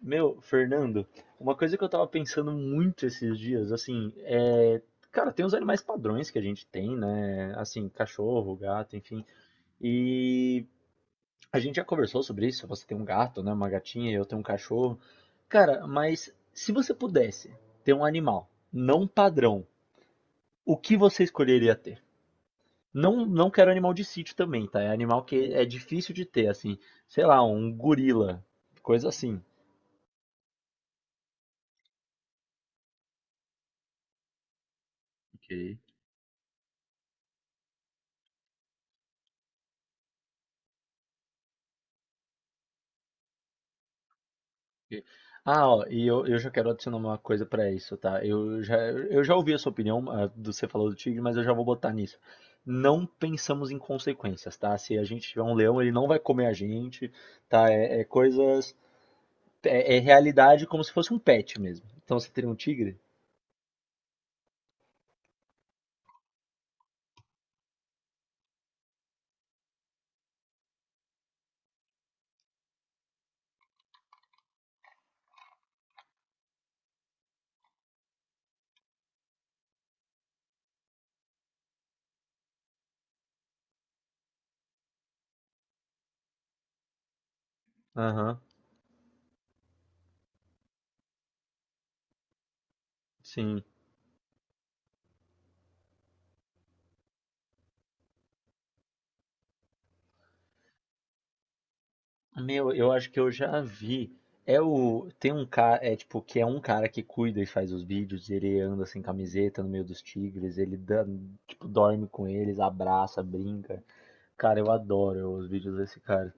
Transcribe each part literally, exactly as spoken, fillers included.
Meu, Fernando, uma coisa que eu tava pensando muito esses dias, assim, é. Cara, tem os animais padrões que a gente tem, né? Assim, cachorro, gato, enfim. E a gente já conversou sobre isso. Você tem um gato, né? Uma gatinha, eu tenho um cachorro. Cara, mas se você pudesse ter um animal não padrão, o que você escolheria ter? Não, não quero animal de sítio também, tá? É animal que é difícil de ter, assim. Sei lá, um gorila, coisa assim. Ok. E- Ah, ó, e eu, eu já quero adicionar uma coisa pra isso, tá? Eu já, eu já ouvi a sua opinião, a do você falou do tigre, mas eu já vou botar nisso. Não pensamos em consequências, tá? Se a gente tiver um leão, ele não vai comer a gente, tá? É, é coisas. É, é realidade como se fosse um pet mesmo. Então você teria um tigre? Aham, sim. Meu, eu acho que eu já vi. É o. Tem um cara. É tipo, que é um cara que cuida e faz os vídeos. Ele anda sem camiseta no meio dos tigres. Ele dá, tipo, dorme com eles, abraça, brinca. Cara, eu adoro os vídeos desse cara.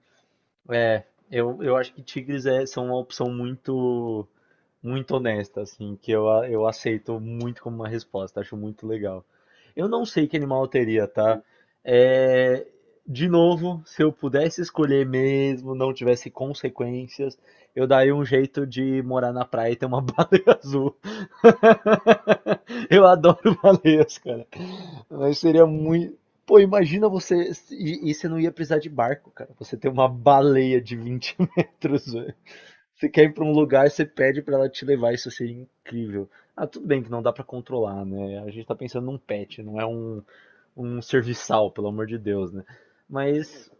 É, eu, eu acho que tigres é, são uma opção muito muito honesta, assim, que eu, a- eu aceito muito como uma resposta, acho muito legal. Eu não sei que animal eu teria, tá? É, de novo, se eu pudesse escolher mesmo, não tivesse consequências, eu daria um jeito de morar na praia e ter uma baleia azul. Eu adoro baleias, cara. Mas seria muito. Pô, imagina você. E, e você não ia precisar de barco, cara. Você ter uma baleia de vinte metros, você quer ir pra um lugar, você pede pra ela te levar, isso seria incrível. Ah, tudo bem que não dá pra controlar, né? A gente tá pensando num pet, não é um, um serviçal, pelo amor de Deus, né? Mas,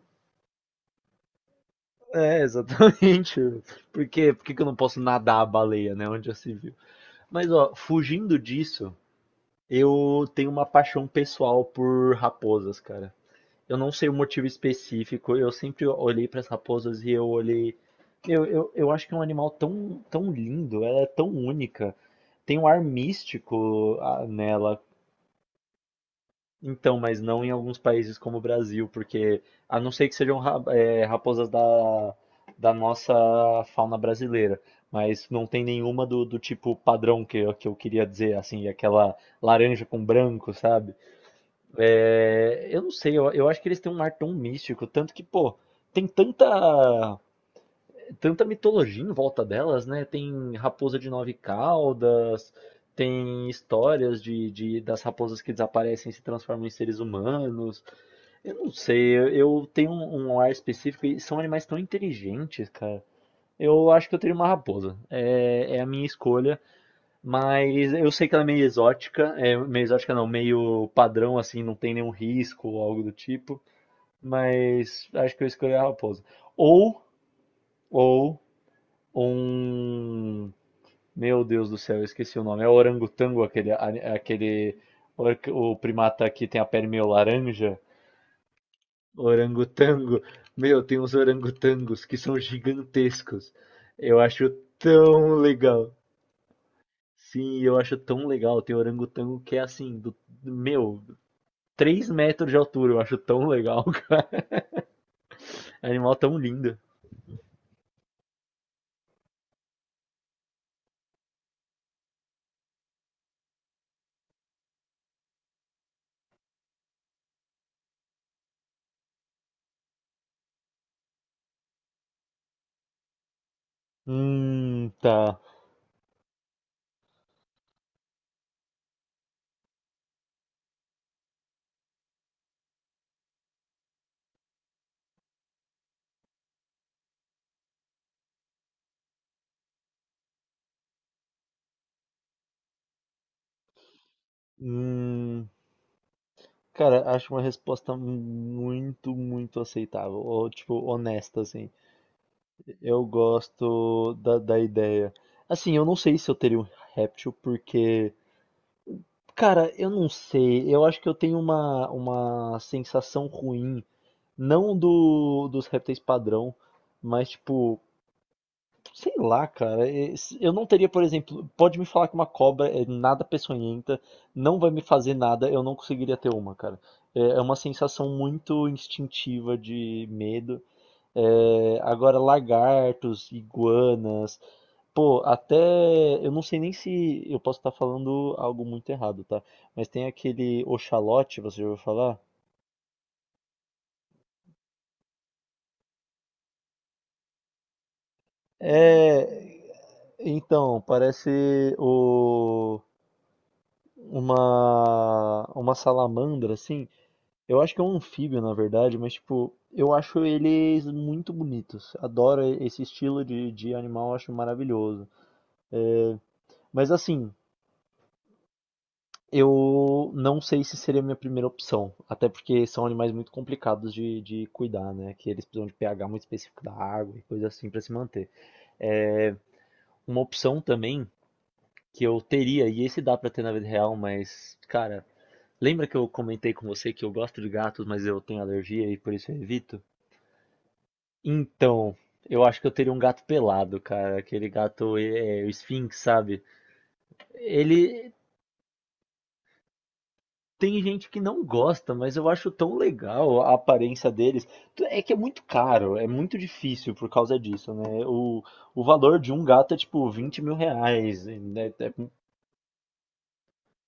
é, exatamente. Por quê? Por que que eu não posso nadar a baleia, né? Onde já se viu. Mas, ó, fugindo disso, eu tenho uma paixão pessoal por raposas, cara. Eu não sei o motivo específico, eu sempre olhei para as raposas e eu olhei. Eu, eu, eu acho que é um animal tão, tão lindo, ela é tão única, tem um ar místico ah, nela. Então, mas não em alguns países como o Brasil, porque a não ser que sejam ra- eh, raposas da, da nossa fauna brasileira, mas não tem nenhuma do, do tipo padrão que, eu- que eu queria dizer, assim, aquela laranja com branco, sabe? É, eu não sei, eu, eu acho que eles têm um ar tão místico, tanto que, pô, tem tanta, tanta mitologia em volta delas, né? Tem raposa de nove caudas, tem histórias de, de- das raposas que desaparecem e se transformam em seres humanos. Eu não sei, eu, eu tenho um, um ar específico e são animais tão inteligentes, cara. Eu acho que eu teria uma raposa. É, é a minha escolha. Mas eu sei que ela é meio exótica, é meio exótica não, meio padrão assim, não tem nenhum risco ou algo do tipo, mas acho que eu escolhi a raposa. Ou, ou um, meu Deus do céu, eu esqueci o nome, é o orangotango, aquele, a- aquele, or- o primata que tem a pele meio laranja, orangotango. Meu, tem uns orangotangos que são gigantescos. Eu acho tão legal. Sim, eu acho tão legal. Tem orangotango que é assim, do, meu, três metros de altura. Eu acho tão legal. É um animal tão lindo. Hum, tá. Hum, cara, acho uma resposta muito, muito aceitável. Ou, tipo, honesta, assim. Eu gosto da, da ideia. Assim, eu não sei se eu teria um réptil, porque. Cara, eu não sei. Eu acho que eu tenho uma, uma sensação ruim. Não do, dos répteis padrão, mas, tipo, sei lá, cara. es- Eu não teria, por exemplo, pode me falar que uma cobra é nada peçonhenta, não vai me fazer nada, eu não conseguiria ter uma, cara. É é uma sensação muito instintiva de medo. É, agora, lagartos, iguanas, pô, até. Eu não sei nem se. Eu posso estar falando algo muito errado, tá? Mas tem aquele oxalote, você já ouviu falar? É. Então, parece o. uma uma salamandra assim. Eu acho que é um anfíbio, na verdade, mas tipo, eu acho eles muito bonitos. Adoro esse estilo de, de animal, acho maravilhoso. É, mas assim, eu não sei se seria a minha primeira opção, até porque são animais muito complicados de, de cuidar, né? Que eles precisam de pH muito específico da água e coisa assim para se manter. É uma opção também que eu teria, e esse dá para ter na vida real, mas cara, lembra que eu comentei com você que eu gosto de gatos, mas eu tenho alergia e por isso eu evito? Então, eu acho que eu teria um gato pelado, cara. Aquele gato é, é, o Sphinx, sabe? Ele tem gente que não gosta, mas eu acho tão legal a aparência deles. É que é muito caro, é muito difícil por causa disso, né? O, o valor de um gato é tipo vinte mil reais, né? É-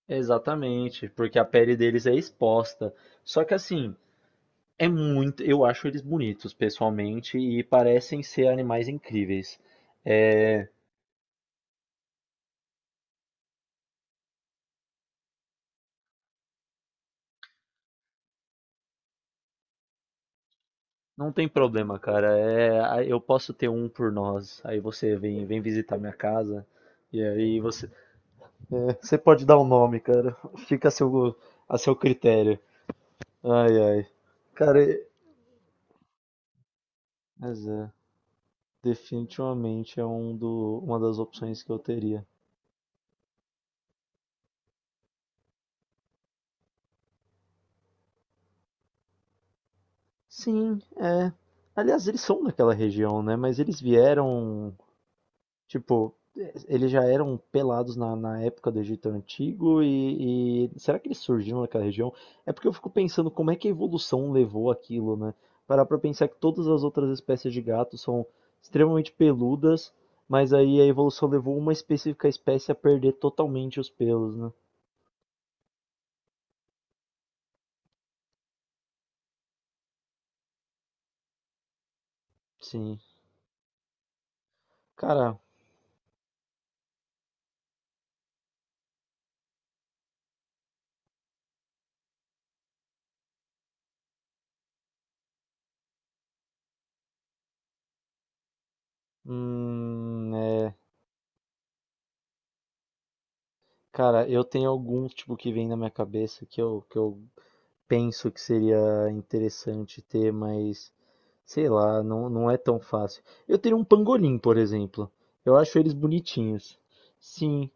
Exatamente, porque a pele deles é exposta. Só que assim. É muito, eu acho eles bonitos pessoalmente e parecem ser animais incríveis. É, não tem problema, cara. É, a- eu posso ter um por nós. Aí você vem, vem visitar minha casa e aí você, você pode dar o nome, cara. Fica a seu, a seu critério. Ai, ai. Cara, e- mas é, definitivamente é um do, uma das opções que eu teria. Sim, é. Aliás, eles são daquela região, né? Mas eles vieram tipo, eles já eram pelados na, na época do Egito Antigo e, e será que eles surgiram naquela região? É porque eu fico pensando como é que a evolução levou aquilo, né? Parar pra pensar que todas as outras espécies de gatos são extremamente peludas, mas aí a evolução levou uma específica espécie a perder totalmente os pelos, né? Sim. Cara, hum, é, cara, eu tenho alguns tipo que vem na minha cabeça que eu, que eu penso que seria interessante ter, mas sei lá, não, não é tão fácil. Eu tenho um pangolim, por exemplo. Eu acho eles bonitinhos. Sim,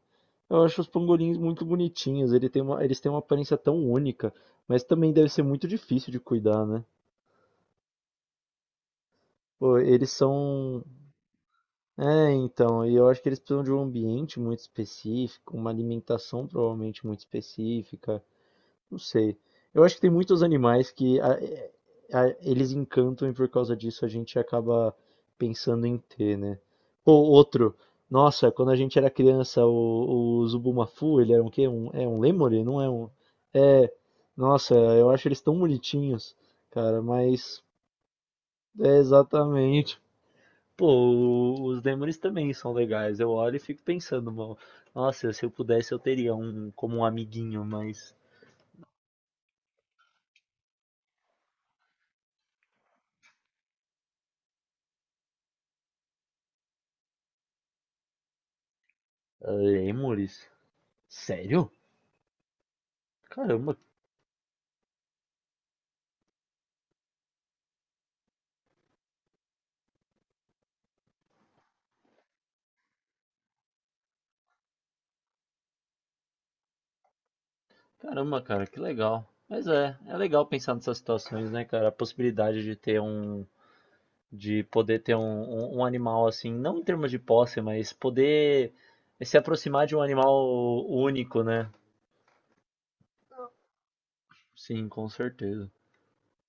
eu acho os pangolins muito bonitinhos. Ele tem uma, eles têm uma aparência tão única, mas também deve ser muito difícil de cuidar, né? Pô, eles são. É, então, e eu acho que eles precisam de um ambiente muito específico, uma alimentação provavelmente muito específica. Não sei. Eu acho que tem muitos animais que a- a- eles encantam e por causa disso a gente acaba pensando em ter, né? Pô, outro. Nossa, quando a gente era criança, o, o Zubumafu, ele era um quê? Um, é um lêmure? Não é um. É. Nossa, eu acho eles tão bonitinhos, cara, mas. É exatamente. Pô, o- os lêmures também são legais. Eu olho e fico pensando, mano. Nossa, se eu pudesse, eu teria um como um amiguinho, mas. Ah, lêmures? Sério? Caramba, caramba, cara, que legal. Mas é, é legal pensar nessas situações, né, cara? A possibilidade de ter um, de poder ter um, um, um animal assim, não em termos de posse, mas poder se aproximar de um animal único, né? Sim, com certeza.